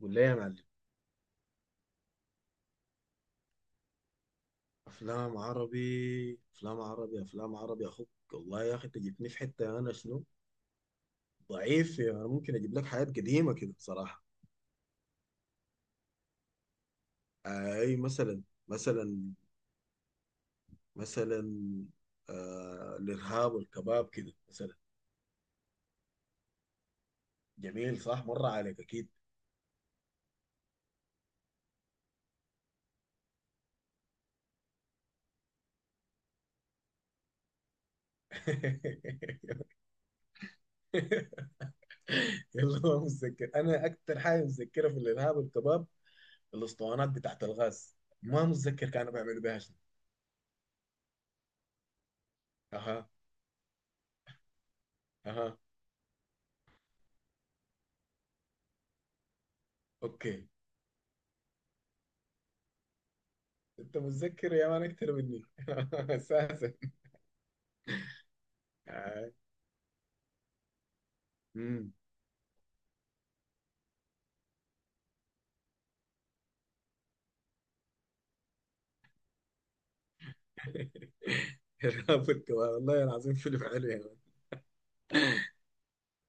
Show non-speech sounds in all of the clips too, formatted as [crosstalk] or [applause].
قول لي يا معلم. افلام عربي، افلام عربي، افلام عربي، اخوك والله يا اخي، انت جبتني في حته انا شنو؟ ضعيف يعني، انا ممكن اجيب لك حاجات قديمه كده صراحه. اي مثلا مثلا آه الارهاب والكباب كده مثلا. جميل صح؟ مر عليك اكيد. [laughs] يلا، ما متذكر، انا اكتر حاجه متذكرها في الارهاب والكباب الاسطوانات بتاعت الغاز، ما متذكر كانوا بيعملوا بيها شنو. اها. اها. اوكي. انت متذكر يا مان اكتر مني [laughs] اساسا. آه. مم. [laughs] رابط كمان والله العظيم، فيلم حلو يا مان.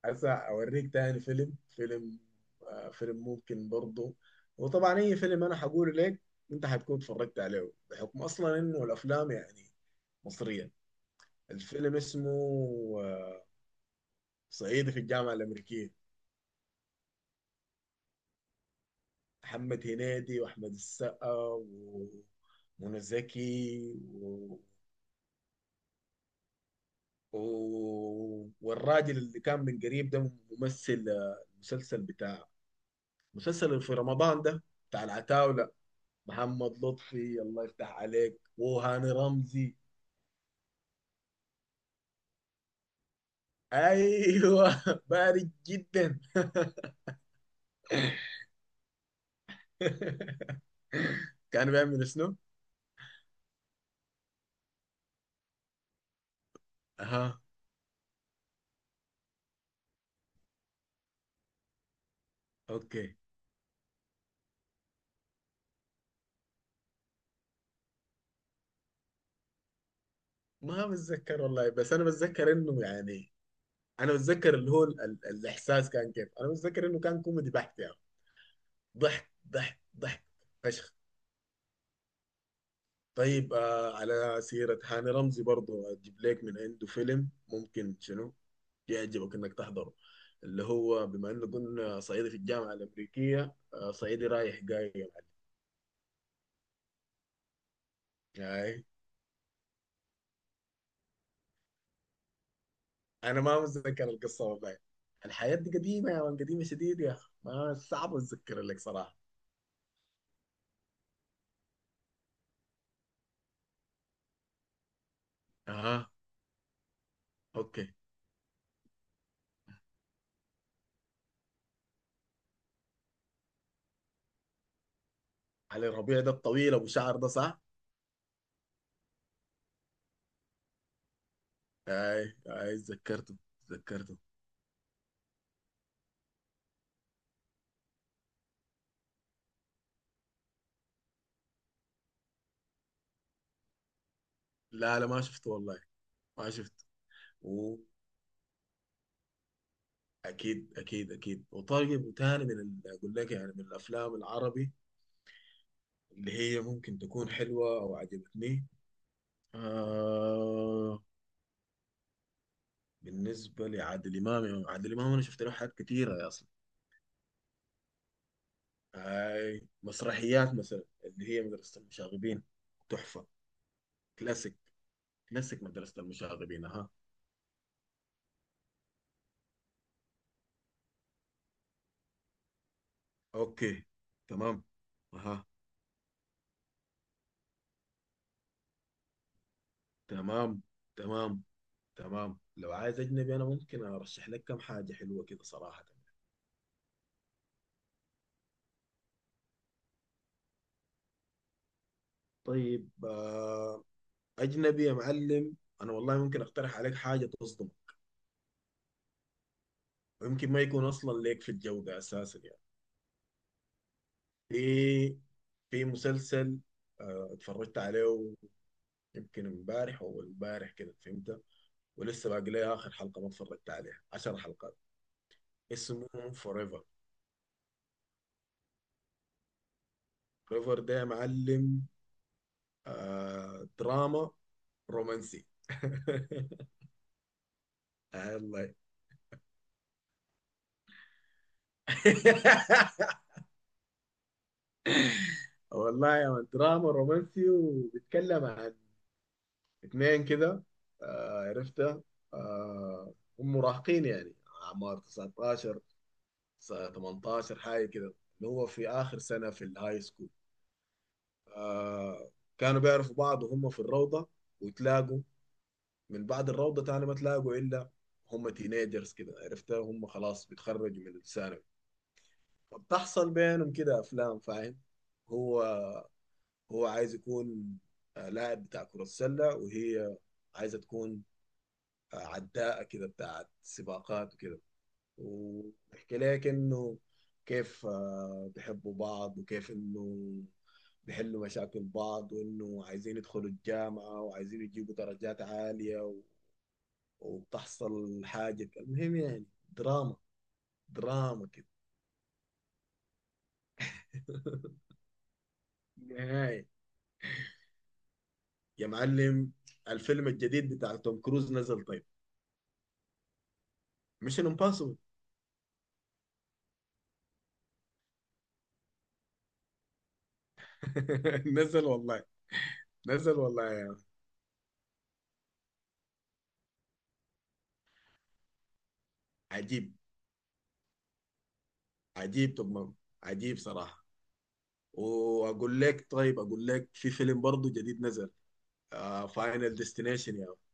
هسه اوريك تاني فيلم. آه فيلم ممكن برضه. وطبعا اي فيلم انا حقوله لك انت حتكون اتفرجت عليه، بحكم اصلا انه الافلام يعني مصرية. الفيلم اسمه آه، صعيدي في الجامعة الأمريكية. محمد هنيدي وأحمد السقا ومنى زكي. والراجل اللي كان من قريب ده ممثل مسلسل بتاع، مسلسل اللي في رمضان ده، بتاع العتاولة. محمد لطفي، الله يفتح عليك، وهاني رمزي. ايوه [laughs] بارد جدا [laughs] كان بيعمل شنو؟ اها. اوكي. ما بتذكر والله، بس انا بتذكر انه يعني، انا بتذكر اللي هو ال الاحساس كان كيف. انا بتذكر انه كان كوميدي بحت يعني. ضحك ضحك ضحك فشخ. طيب آه، على سيرة هاني رمزي برضو أجيب لك من عنده فيلم ممكن شنو يعجبك إنك تحضره، اللي هو بما إنه قلنا صعيدي في الجامعة الأمريكية، آه صعيدي رايح جاي يا معلم. هاي. أنا ما متذكر القصة والله. الحياة دي قديمة يا مان، قديمة شديد يا أخي، ما صعب أتذكر لك صراحة. أها. أوكي. علي ربيع ده الطويل أبو شعر ده صح؟ هاي هاي، تذكرته. تذكرته. لا لا، ما شفته والله. ما شفته. اكيد اكيد اكيد. وطيب وتاني من اقول لك يعني من الافلام العربي اللي هي ممكن تكون حلوه او عجبتني. آه، بالنسبه لعادل امام، عادل امام انا شفت له حاجات كتيره يا اصلا. هاي مسرحيات مثلا اللي هي مدرسه المشاغبين، تحفه. كلاسيك. كلاسيك مدرسه المشاغبين. اها. اوكي. تمام. اها. تمام. تمام. تمام، لو عايز اجنبي انا ممكن ارشح لك كم حاجه حلوه كده صراحه. طيب آه، اجنبي يا معلم. انا والله ممكن اقترح عليك حاجه تصدمك، ويمكن ما يكون اصلا ليك في الجو ده اساسا يعني. في في مسلسل اتفرجت عليه يمكن امبارح او امبارح كده فهمت. ولسه باقي لي اخر حلقه ما اتفرجت عليها، 10 حلقات. اسمه فوريفر. فوريفر ده يا معلم دراما رومانسي [laughs] آه، والله. [laughs] والله يا من دراما رومانسي، وبيتكلم عن اتنين كده. آه عرفتها. آه، هم مراهقين يعني، اعمار 19، 18 حاجه كده، اللي هو في اخر سنه في الهاي سكول. آه. كانوا بيعرفوا بعض وهم في الروضه، وتلاقوا من بعد الروضه، تاني ما تلاقوا الا هم تينيجرز كده عرفتها، هم خلاص بيتخرجوا من الثانوي. فبتحصل بينهم كده افلام فاهم. هو هو عايز يكون لاعب بتاع كره السله، وهي عايزه تكون عداءة كده بتاعت سباقات وكده. وبيحكي لك انه كيف بيحبوا بعض، وكيف انه بيحلوا مشاكل بعض، وانه عايزين يدخلوا الجامعة وعايزين يجيبوا درجات عالية وبتحصل حاجة، المهم يعني دراما، دراما كده. [laughs] نهاية يا معلم. الفيلم الجديد بتاع توم كروز نزل طيب، مش امباسبل [laughs] نزل والله. نزل والله يا عم. عجيب. عجيب توم، عجيب صراحة. واقول لك، طيب اقول لك، في فيلم برضه جديد نزل، آه فاينل ديستنيشن يا [laughs]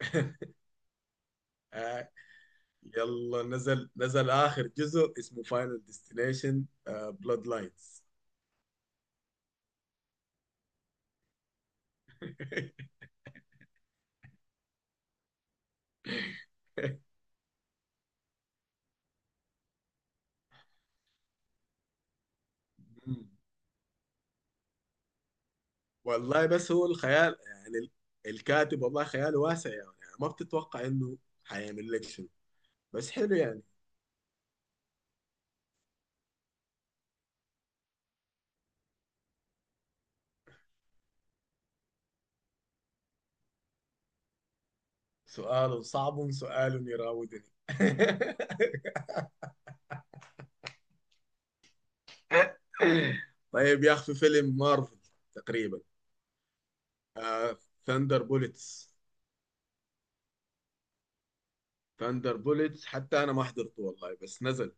مان. آه، يلا نزل، نزل اخر جزء اسمه فاينل ديستنيشن بلاد لاينز. [laughs] والله بس هو الخيال يعني الكاتب والله خياله واسع يعني، يعني ما بتتوقع انه حيعمل لك شنو، بس حلو يعني. سؤال صعب، سؤال يراودني [laughs] طيب يا اخي، في فيلم مارفل تقريبا، آه ثاندر بوليتس. ثاندر بوليتس حتى انا ما حضرته والله بس نزل.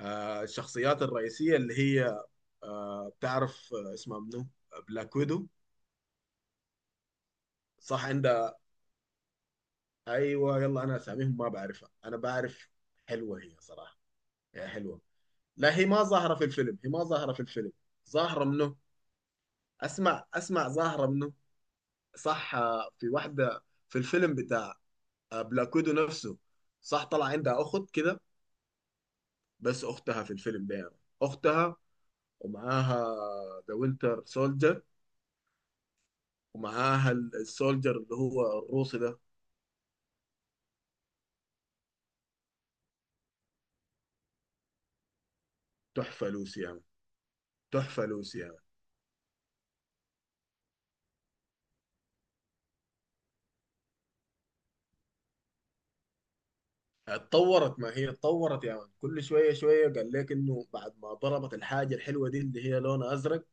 آه الشخصيات الرئيسيه اللي هي، آه بتعرف آه اسمها منو؟ بلاك ويدو. صح عندها. ايوه يلا، انا اساميهم ما بعرفها، انا بعرف. حلوه هي صراحه. هي حلوه. لا، هي ما ظاهره في الفيلم، هي ما ظاهره في الفيلم. ظاهره منو. اسمع اسمع، ظاهره منو. صح آه، في واحده في الفيلم بتاع، آه بلاك ويدو نفسه، صح، طلع عندها اخت كده. بس اختها في الفيلم ده يعني. اختها ومعاها ذا وينتر سولجر، ومعاها السولجر اللي هو الروسي ده. تحفة لوسي يعني. تحفة لوسي يعني. اتطورت، ما هي اتطورت يعني كل شوية شوية، قال لك انه بعد ما ضربت الحاجة الحلوة دي اللي هي لونها ازرق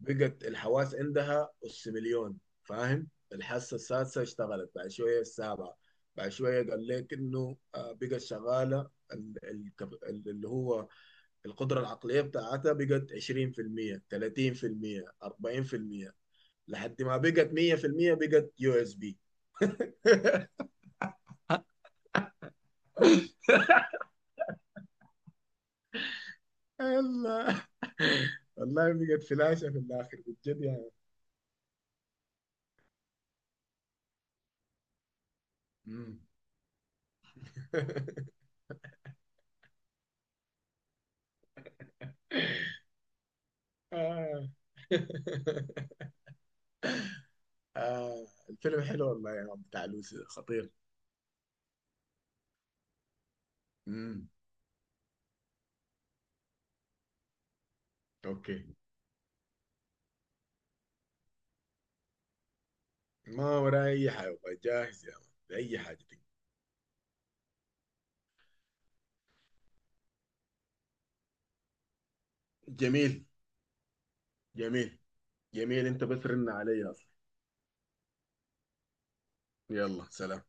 بقت الحواس عندها اس مليون، فاهم؟ الحاسة السادسة اشتغلت، بعد شوية السابعة، بعد شوية قال لك انه بقت شغالة اللي هو القدرة العقلية بتاعتها بقت 20%، 30%، 40%، لحد ما بقت 100%، بقت يو اس بي. الله. والله بقت فلاشة في الآخر بجد يعني. مم. [laughs] آه. [laughs] آه. الفيلم حلو والله يا عم بتاع لوسي ده، خطير. مم. اوكي. ما وراي اي حاجة والله، جاهز يا عم. اي حاجة. جميل. جميل. جميل انت، بس رن علي اصلا. يلا سلام.